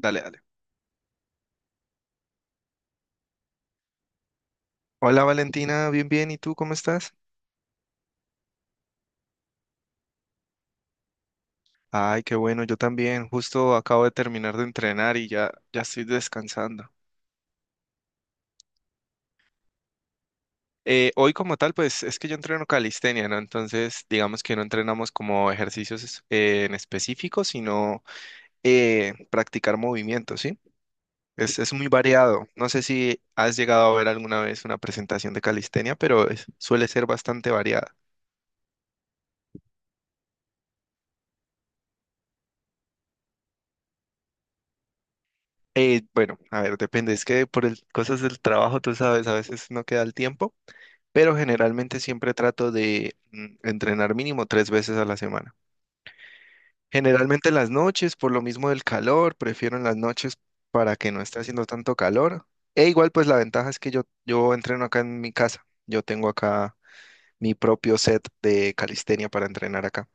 Dale, dale. Hola Valentina, bien, bien. ¿Y tú cómo estás? Ay, qué bueno, yo también. Justo acabo de terminar de entrenar y ya, ya estoy descansando. Hoy como tal, pues es que yo entreno calistenia, ¿no? Entonces, digamos que no entrenamos como ejercicios en específico, sino practicar movimientos, ¿sí? Es muy variado. No sé si has llegado a ver alguna vez una presentación de calistenia, pero suele ser bastante variada. Bueno, a ver, depende. Es que cosas del trabajo, tú sabes, a veces no queda el tiempo. Pero generalmente siempre trato de entrenar mínimo 3 veces a la semana. Generalmente en las noches, por lo mismo del calor, prefiero en las noches para que no esté haciendo tanto calor. E igual, pues la ventaja es que yo entreno acá en mi casa. Yo tengo acá mi propio set de calistenia para entrenar acá.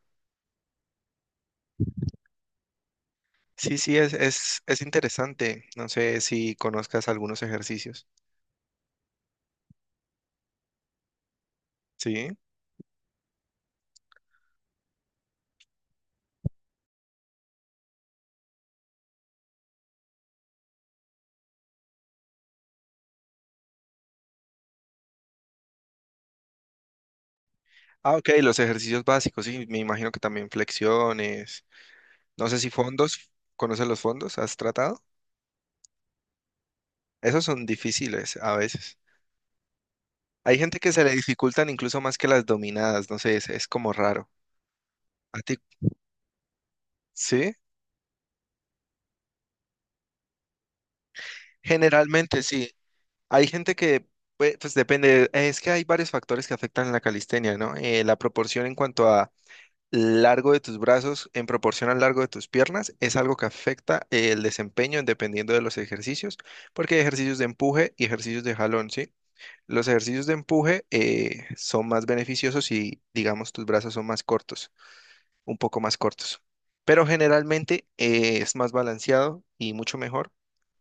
Sí, sí, es interesante. No sé si conozcas algunos ejercicios. Sí. Ah, ok, los ejercicios básicos, sí, me imagino que también flexiones. No sé si fondos, ¿conoces los fondos? ¿Has tratado? Esos son difíciles a veces. Hay gente que se le dificultan incluso más que las dominadas, no sé, es como raro. ¿A ti? ¿Sí? Generalmente sí. Hay gente que, pues, depende, es que hay varios factores que afectan la calistenia, ¿no? La proporción en cuanto a largo de tus brazos en proporción al largo de tus piernas es algo que afecta el desempeño dependiendo de los ejercicios, porque hay ejercicios de empuje y ejercicios de jalón, ¿sí? Los ejercicios de empuje son más beneficiosos si, digamos, tus brazos son más cortos. Un poco más cortos. Pero generalmente es más balanceado y mucho mejor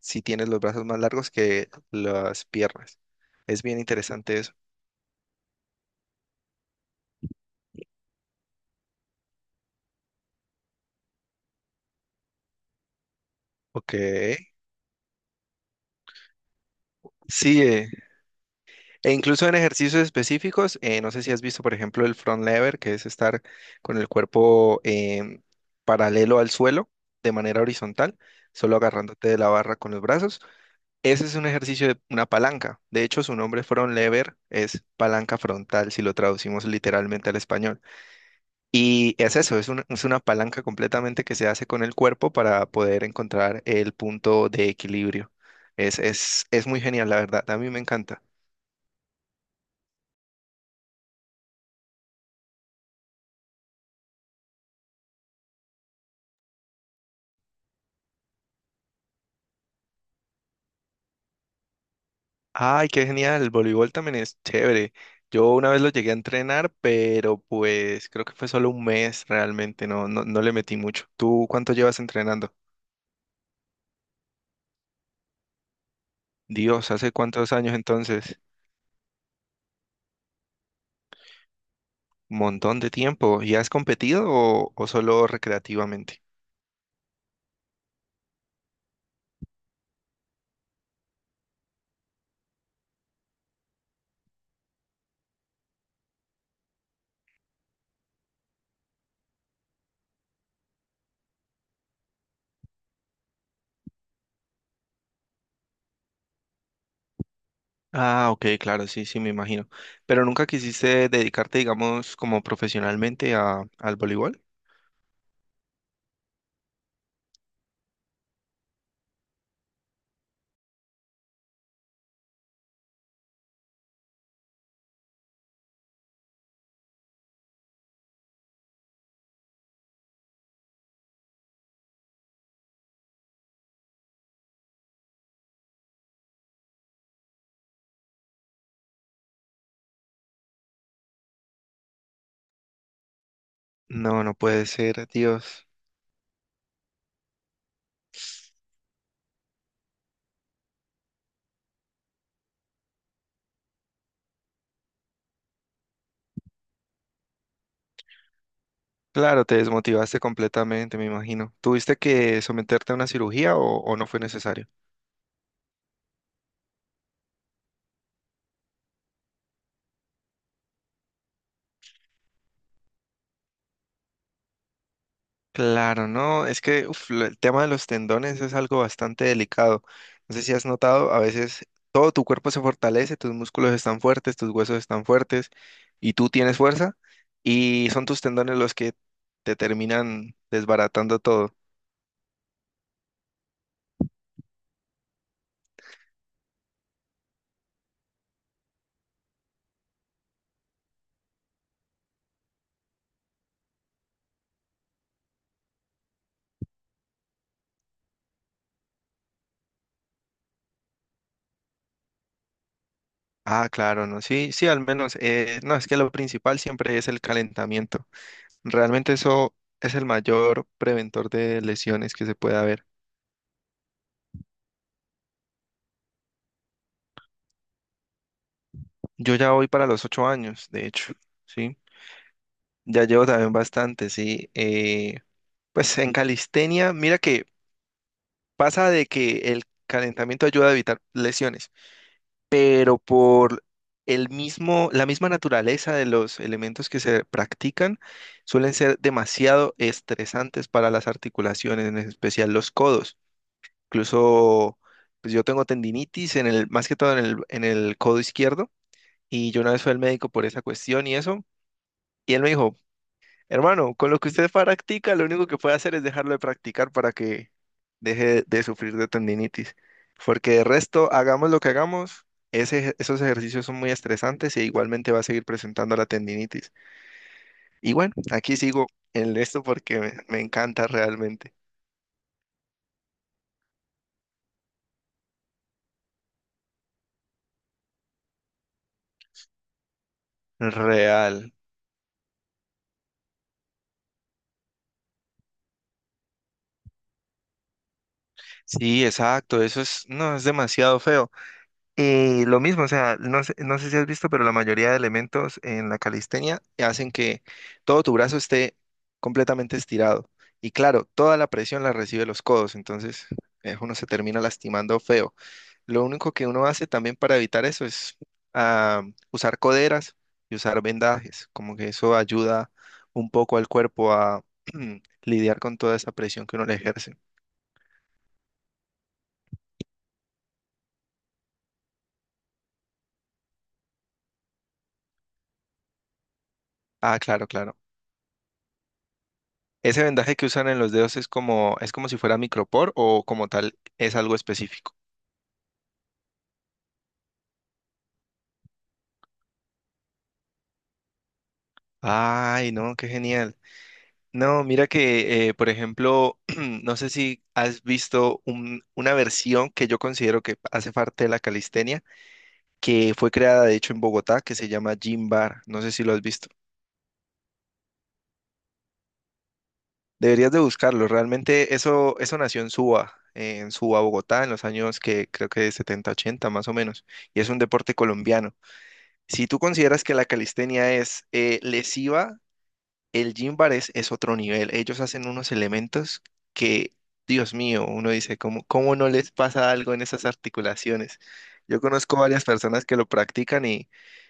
si tienes los brazos más largos que las piernas. Es bien interesante eso. Ok. Sí, e incluso en ejercicios específicos, no sé si has visto, por ejemplo, el front lever, que es estar con el cuerpo paralelo al suelo de manera horizontal, solo agarrándote de la barra con los brazos. Ese es un ejercicio de una palanca. De hecho, su nombre front lever es palanca frontal, si lo traducimos literalmente al español. Y es eso, es una palanca completamente que se hace con el cuerpo para poder encontrar el punto de equilibrio. Es muy genial, la verdad. A mí me encanta. Ay, qué genial. El voleibol también es chévere. Yo una vez lo llegué a entrenar, pero pues creo que fue solo un mes realmente. No, no, no le metí mucho. ¿Tú cuánto llevas entrenando? Dios, ¿hace cuántos años entonces? Montón de tiempo. ¿Y has competido o solo recreativamente? Ah, ok, claro, sí, sí, me imagino. Pero nunca quisiste dedicarte, digamos, como profesionalmente al voleibol. No, no puede ser, Dios. Claro, te desmotivaste completamente, me imagino. ¿Tuviste que someterte a una cirugía o no fue necesario? Claro, no, es que uf, el tema de los tendones es algo bastante delicado. No sé si has notado, a veces todo tu cuerpo se fortalece, tus músculos están fuertes, tus huesos están fuertes y tú tienes fuerza y son tus tendones los que te terminan desbaratando todo. Ah, claro, no, sí, sí, al menos, no, es que lo principal siempre es el calentamiento. Realmente eso es el mayor preventor de lesiones que se puede haber. Yo ya voy para los 8 años, de hecho, sí. Ya llevo también bastante, sí. Pues en calistenia, mira que pasa de que el calentamiento ayuda a evitar lesiones, pero por el mismo, la misma naturaleza de los elementos que se practican suelen ser demasiado estresantes para las articulaciones, en especial los codos. Incluso, pues yo tengo tendinitis más que todo en el codo izquierdo, y yo una vez fui al médico por esa cuestión y eso, y él me dijo, Hermano, con lo que usted practica, lo único que puede hacer es dejarlo de practicar para que deje de sufrir de tendinitis. Porque de resto, hagamos lo que hagamos, esos ejercicios son muy estresantes e igualmente va a seguir presentando la tendinitis. Y bueno, aquí sigo en esto porque me encanta realmente. Real. Sí, exacto, eso es, no, es demasiado feo. Y lo mismo, o sea, no sé si has visto, pero la mayoría de elementos en la calistenia hacen que todo tu brazo esté completamente estirado. Y claro, toda la presión la recibe los codos, entonces uno se termina lastimando feo. Lo único que uno hace también para evitar eso es ah, usar coderas y usar vendajes, como que eso ayuda un poco al cuerpo a lidiar con toda esa presión que uno le ejerce. Ah, claro, claro. ¿Ese vendaje que usan en los dedos es como si fuera micropor o como tal es algo específico? Ay, no, qué genial. No, mira que, por ejemplo, no sé si has visto una versión que yo considero que hace parte de la calistenia, que fue creada de hecho en Bogotá, que se llama Gym Bar. No sé si lo has visto. Deberías de buscarlo. Realmente eso nació en Suba, Bogotá, en los años que creo que de 70, 80 más o menos. Y es un deporte colombiano. Si tú consideras que la calistenia es lesiva, el gym bar es otro nivel. Ellos hacen unos elementos que, Dios mío, uno dice, ¿cómo no les pasa algo en esas articulaciones? Yo conozco varias personas que lo practican y,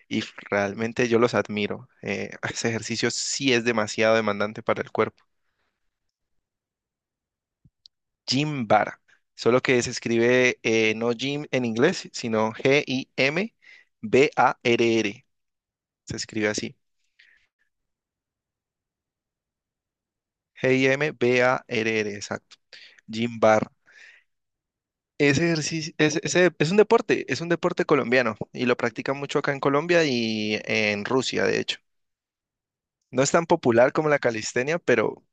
y realmente yo los admiro. Ese ejercicio sí es demasiado demandante para el cuerpo. Gym bar, solo que se escribe no gym en inglés, sino Gimbarr. Se escribe así. Gimbarr, exacto. Gym bar. Ese ejercicio es un deporte colombiano y lo practican mucho acá en Colombia y en Rusia, de hecho. No es tan popular como la calistenia, pero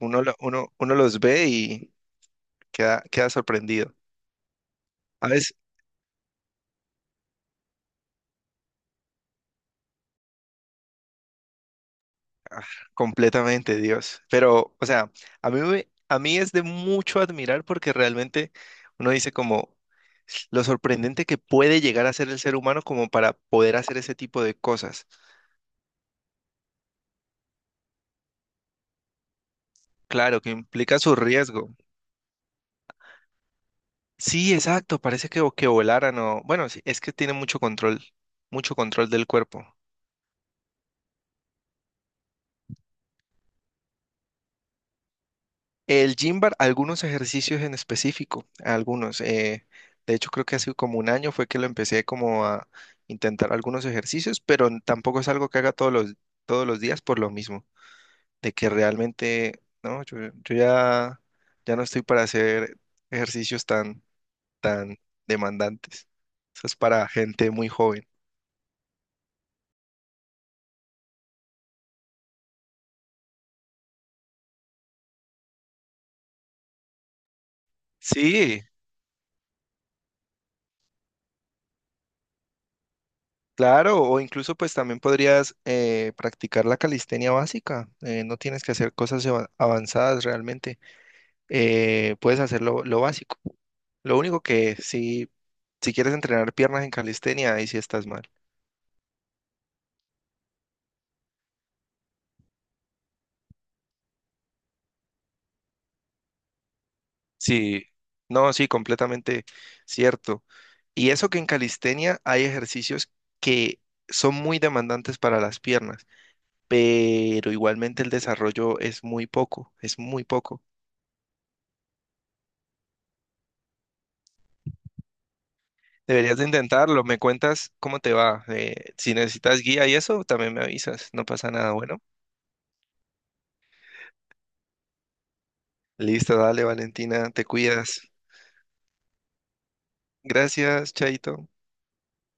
uno los ve y queda sorprendido. A veces, completamente, Dios. Pero, o sea, a mí es de mucho admirar porque realmente uno dice como lo sorprendente que puede llegar a ser el ser humano como para poder hacer ese tipo de cosas. Claro, que implica su riesgo. Sí, exacto, parece que volaran o... Bueno, sí, es que tiene mucho control del cuerpo. El gym bar, algunos ejercicios en específico, algunos. De hecho, creo que hace como un año fue que lo empecé como a intentar algunos ejercicios, pero tampoco es algo que haga todos los días por lo mismo, de que realmente, no, yo ya, ya no estoy para hacer ejercicios tan, tan demandantes. Eso es para gente muy joven. Sí, claro, o incluso pues también podrías practicar la calistenia básica. No tienes que hacer cosas avanzadas realmente. Puedes hacer lo básico. Lo único que si quieres entrenar piernas en calistenia, ahí sí estás mal. Sí, no, sí, completamente cierto. Y eso que en calistenia hay ejercicios que son muy demandantes para las piernas, pero igualmente el desarrollo es muy poco, es muy poco. Deberías de intentarlo. Me cuentas cómo te va. Si necesitas guía y eso, también me avisas. No pasa nada. Bueno, listo, dale, Valentina. Te cuidas. Gracias, Chaito.